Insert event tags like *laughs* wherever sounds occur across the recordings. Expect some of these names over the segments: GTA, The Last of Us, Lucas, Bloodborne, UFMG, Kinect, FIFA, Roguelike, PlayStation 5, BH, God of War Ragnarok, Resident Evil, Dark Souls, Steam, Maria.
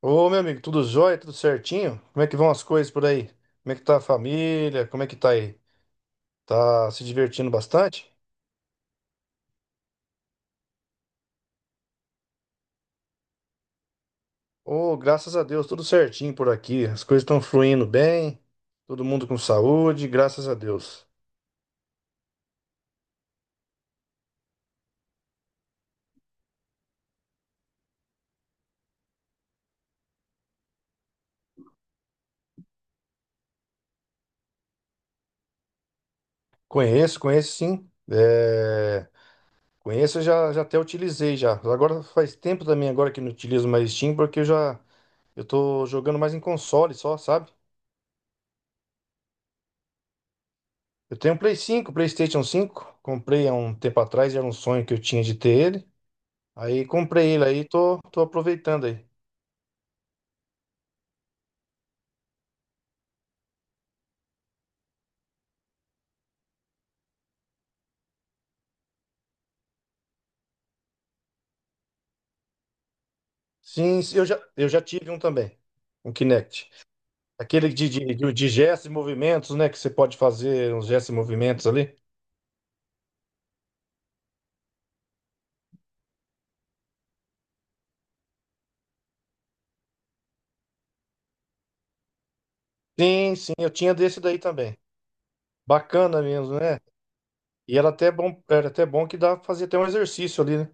Ô, meu amigo, tudo jóia? Tudo certinho? Como é que vão as coisas por aí? Como é que tá a família? Como é que tá aí? Tá se divertindo bastante? Ô, graças a Deus, tudo certinho por aqui. As coisas estão fluindo bem, todo mundo com saúde, graças a Deus. Conheço, conheço sim. É... Conheço, já até utilizei já. Agora faz tempo também agora que não utilizo mais Steam, porque eu tô jogando mais em console só, sabe? Eu tenho um Play 5, PlayStation 5. Comprei há um tempo atrás, era um sonho que eu tinha de ter ele. Aí comprei ele aí, tô aproveitando aí. Sim, sim, eu já tive um também, um Kinect. Aquele de gestos e movimentos, né? Que você pode fazer uns gestos e movimentos ali. Sim, sim, eu tinha desse daí também. Bacana mesmo, né? E era até bom que dá pra fazer até um exercício ali, né?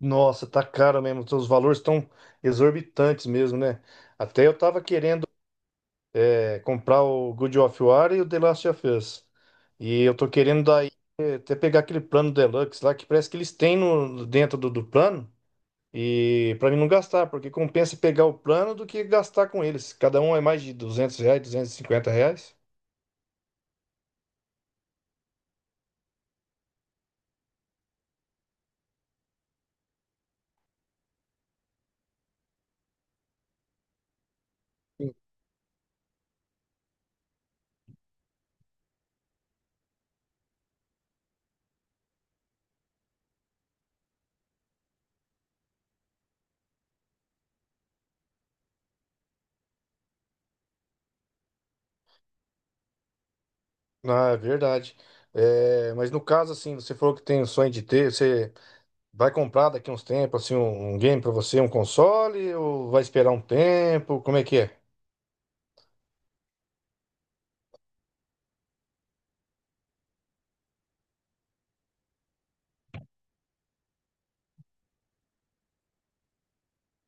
Nossa, tá caro mesmo, os valores estão exorbitantes mesmo, né? Até eu tava querendo comprar o God of War e o The Last of Us. E eu tô querendo dar até pegar aquele plano deluxe lá, que parece que eles têm no, dentro do plano, e pra mim não gastar, porque compensa pegar o plano do que gastar com eles. Cada um é mais de 200 reais, 250 reais. Ah, é verdade. É, mas no caso, assim, você falou que tem o sonho de ter, você vai comprar daqui uns tempos, assim, um game pra você, um console, ou vai esperar um tempo? Como é que é?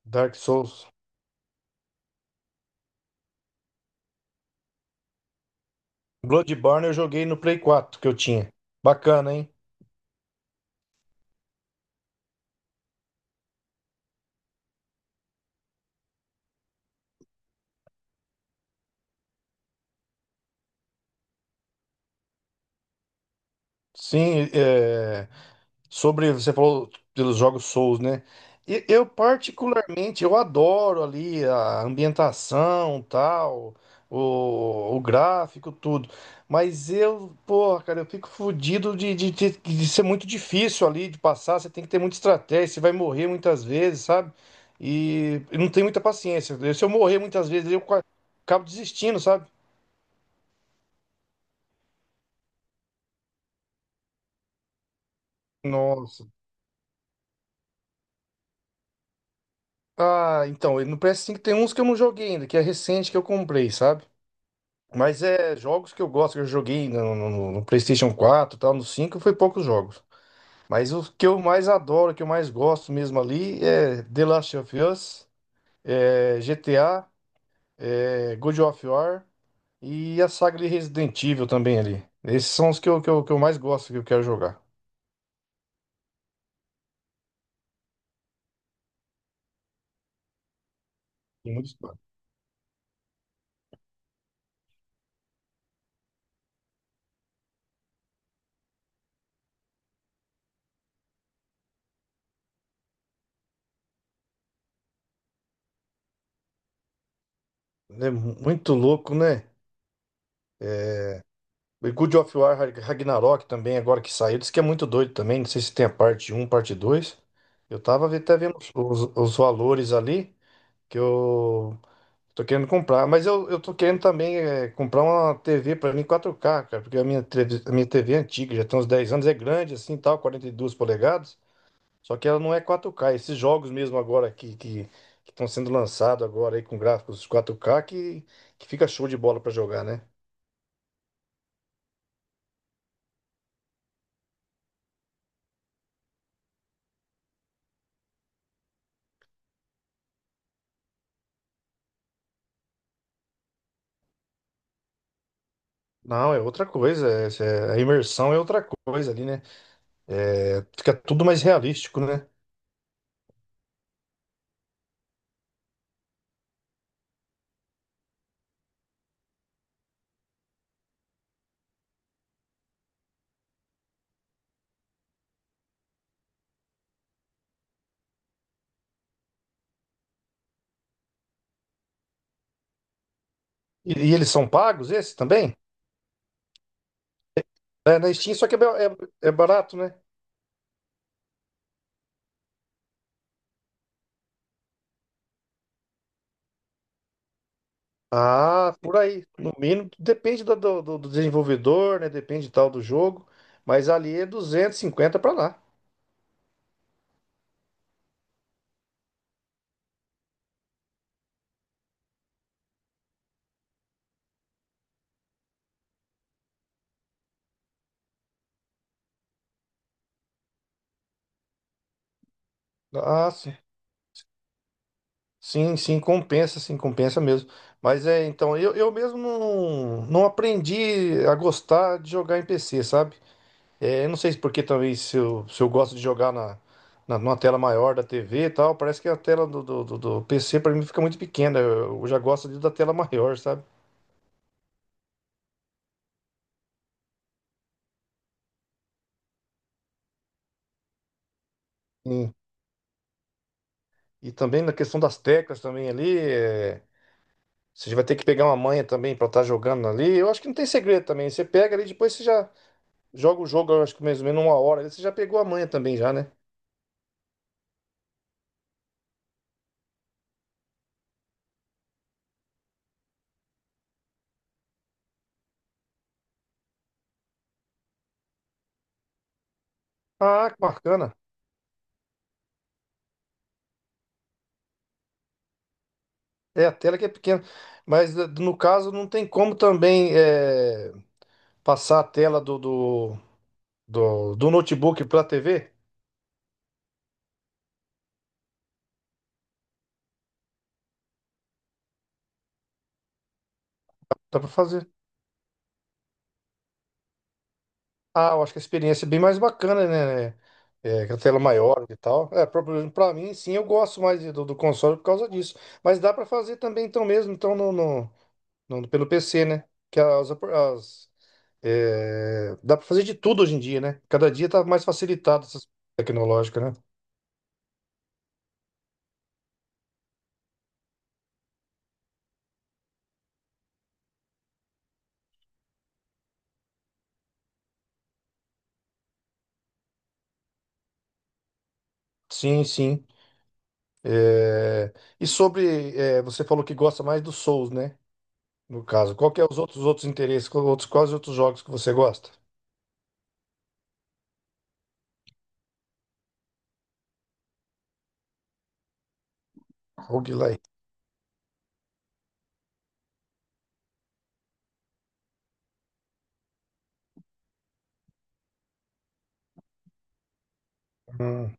Dark Souls. Bloodborne eu joguei no Play 4 que eu tinha. Bacana, hein? Sim, é... Sobre, você falou pelos jogos Souls, né? Eu particularmente, eu adoro ali a ambientação, tal, o gráfico, tudo. Mas eu, porra, cara, eu fico fodido de ser muito difícil ali de passar. Você tem que ter muita estratégia, você vai morrer muitas vezes, sabe? E eu não tenho muita paciência. Se eu morrer muitas vezes, eu acabo desistindo, sabe? Nossa. Ah, então, e no PS5 tem uns que eu não joguei ainda, que é recente que eu comprei, sabe? Mas é jogos que eu gosto, que eu joguei no PlayStation 4, e tal, no 5 foi poucos jogos. Mas o que eu mais adoro, que eu mais gosto mesmo ali é The Last of Us, é GTA, é God of War e a saga de Resident Evil também ali. Esses são os que eu, que eu mais gosto, que eu quero jogar. Tem muitos-. É muito louco, né? O God of War Ragnarok também, agora que saiu, diz que é muito doido também. Não sei se tem a parte 1, parte 2. Eu tava até vendo os valores ali que eu tô querendo comprar. Mas eu tô querendo também comprar uma TV pra mim 4K, cara, porque a minha TV é antiga, já tem uns 10 anos, é grande assim tal, 42 polegadas. Só que ela não é 4K. Esses jogos mesmo agora que estão sendo lançados agora aí com gráficos 4K que fica show de bola pra jogar, né? Não, é outra coisa. A imersão é outra coisa ali, né? É, fica tudo mais realístico, né? E eles são pagos, esses também? É, na Steam, só que é barato, né? Ah, por aí. No mínimo, depende do desenvolvedor, né? Depende tal do jogo. Mas ali é 250 para lá. Ah, sim. Sim, sim, compensa mesmo. Mas é, então, eu mesmo não aprendi a gostar de jogar em PC, sabe? É, eu não sei se porque talvez se eu gosto de jogar numa tela maior da TV e tal, parece que a tela do PC pra mim fica muito pequena. Eu já gosto da tela maior, sabe? Sim. E também na questão das teclas também ali, você vai ter que pegar uma manha também pra estar jogando ali. Eu acho que não tem segredo também. Você pega ali, depois você já joga o jogo, eu acho que mais ou menos uma hora ali. Você já pegou a manha também já, né? Ah, que bacana. É, a tela que é pequena. Mas no caso não tem como também passar a tela do notebook para TV, dá para fazer. Ah, eu acho que a experiência é bem mais bacana, né? É, com a tela maior e tal. É, para mim, sim, eu gosto mais do console por causa disso. Mas dá para fazer também, então mesmo, então pelo PC, né? Que dá para fazer de tudo hoje em dia, né? Cada dia tá mais facilitado essa tecnológica, né? Sim, sim. É, e sobre, você falou que gosta mais do Souls, né? No caso, qual que é os outros interesses? Outros, quais outros jogos que você gosta? Roguelike. Hum,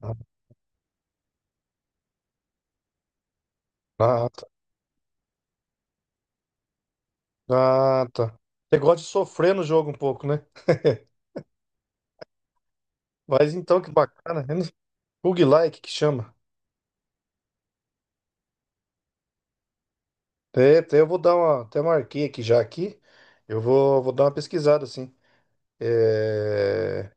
ah, tá. Ah, tá. Você gosta de sofrer no jogo um pouco, né? *laughs* Mas então, que bacana. Eu não-. Roguelike que chama. É, até eu vou dar uma. Até marquei aqui já aqui. Eu vou dar uma pesquisada, assim. É...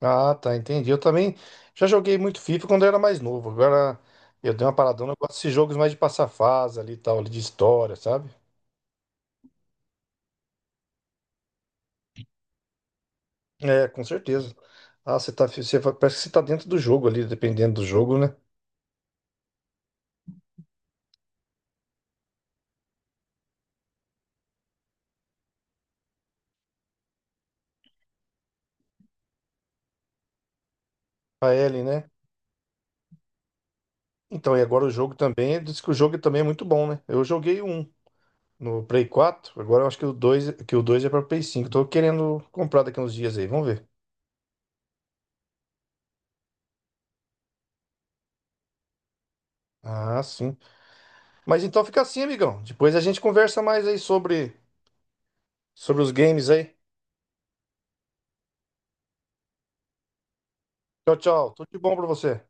Ah, tá, entendi. Eu também já joguei muito FIFA quando eu era mais novo. Agora eu dei uma paradona. Eu gosto desses jogos mais de passar fase ali e tal, ali de história, sabe? É, com certeza. Ah, você tá, você, fa- parece que você tá dentro do jogo ali, dependendo do jogo, né? A Ellie, né? Então, e agora o jogo também, diz que o jogo também é muito bom, né? Eu joguei um no Play 4. Agora eu acho que o dois, é para Play 5. Tô querendo comprar daqui uns dias aí, vamos ver. Ah, sim. Mas então fica assim, amigão. Depois a gente conversa mais aí sobre os games aí. Tchau, tchau. Tudo de bom pra você.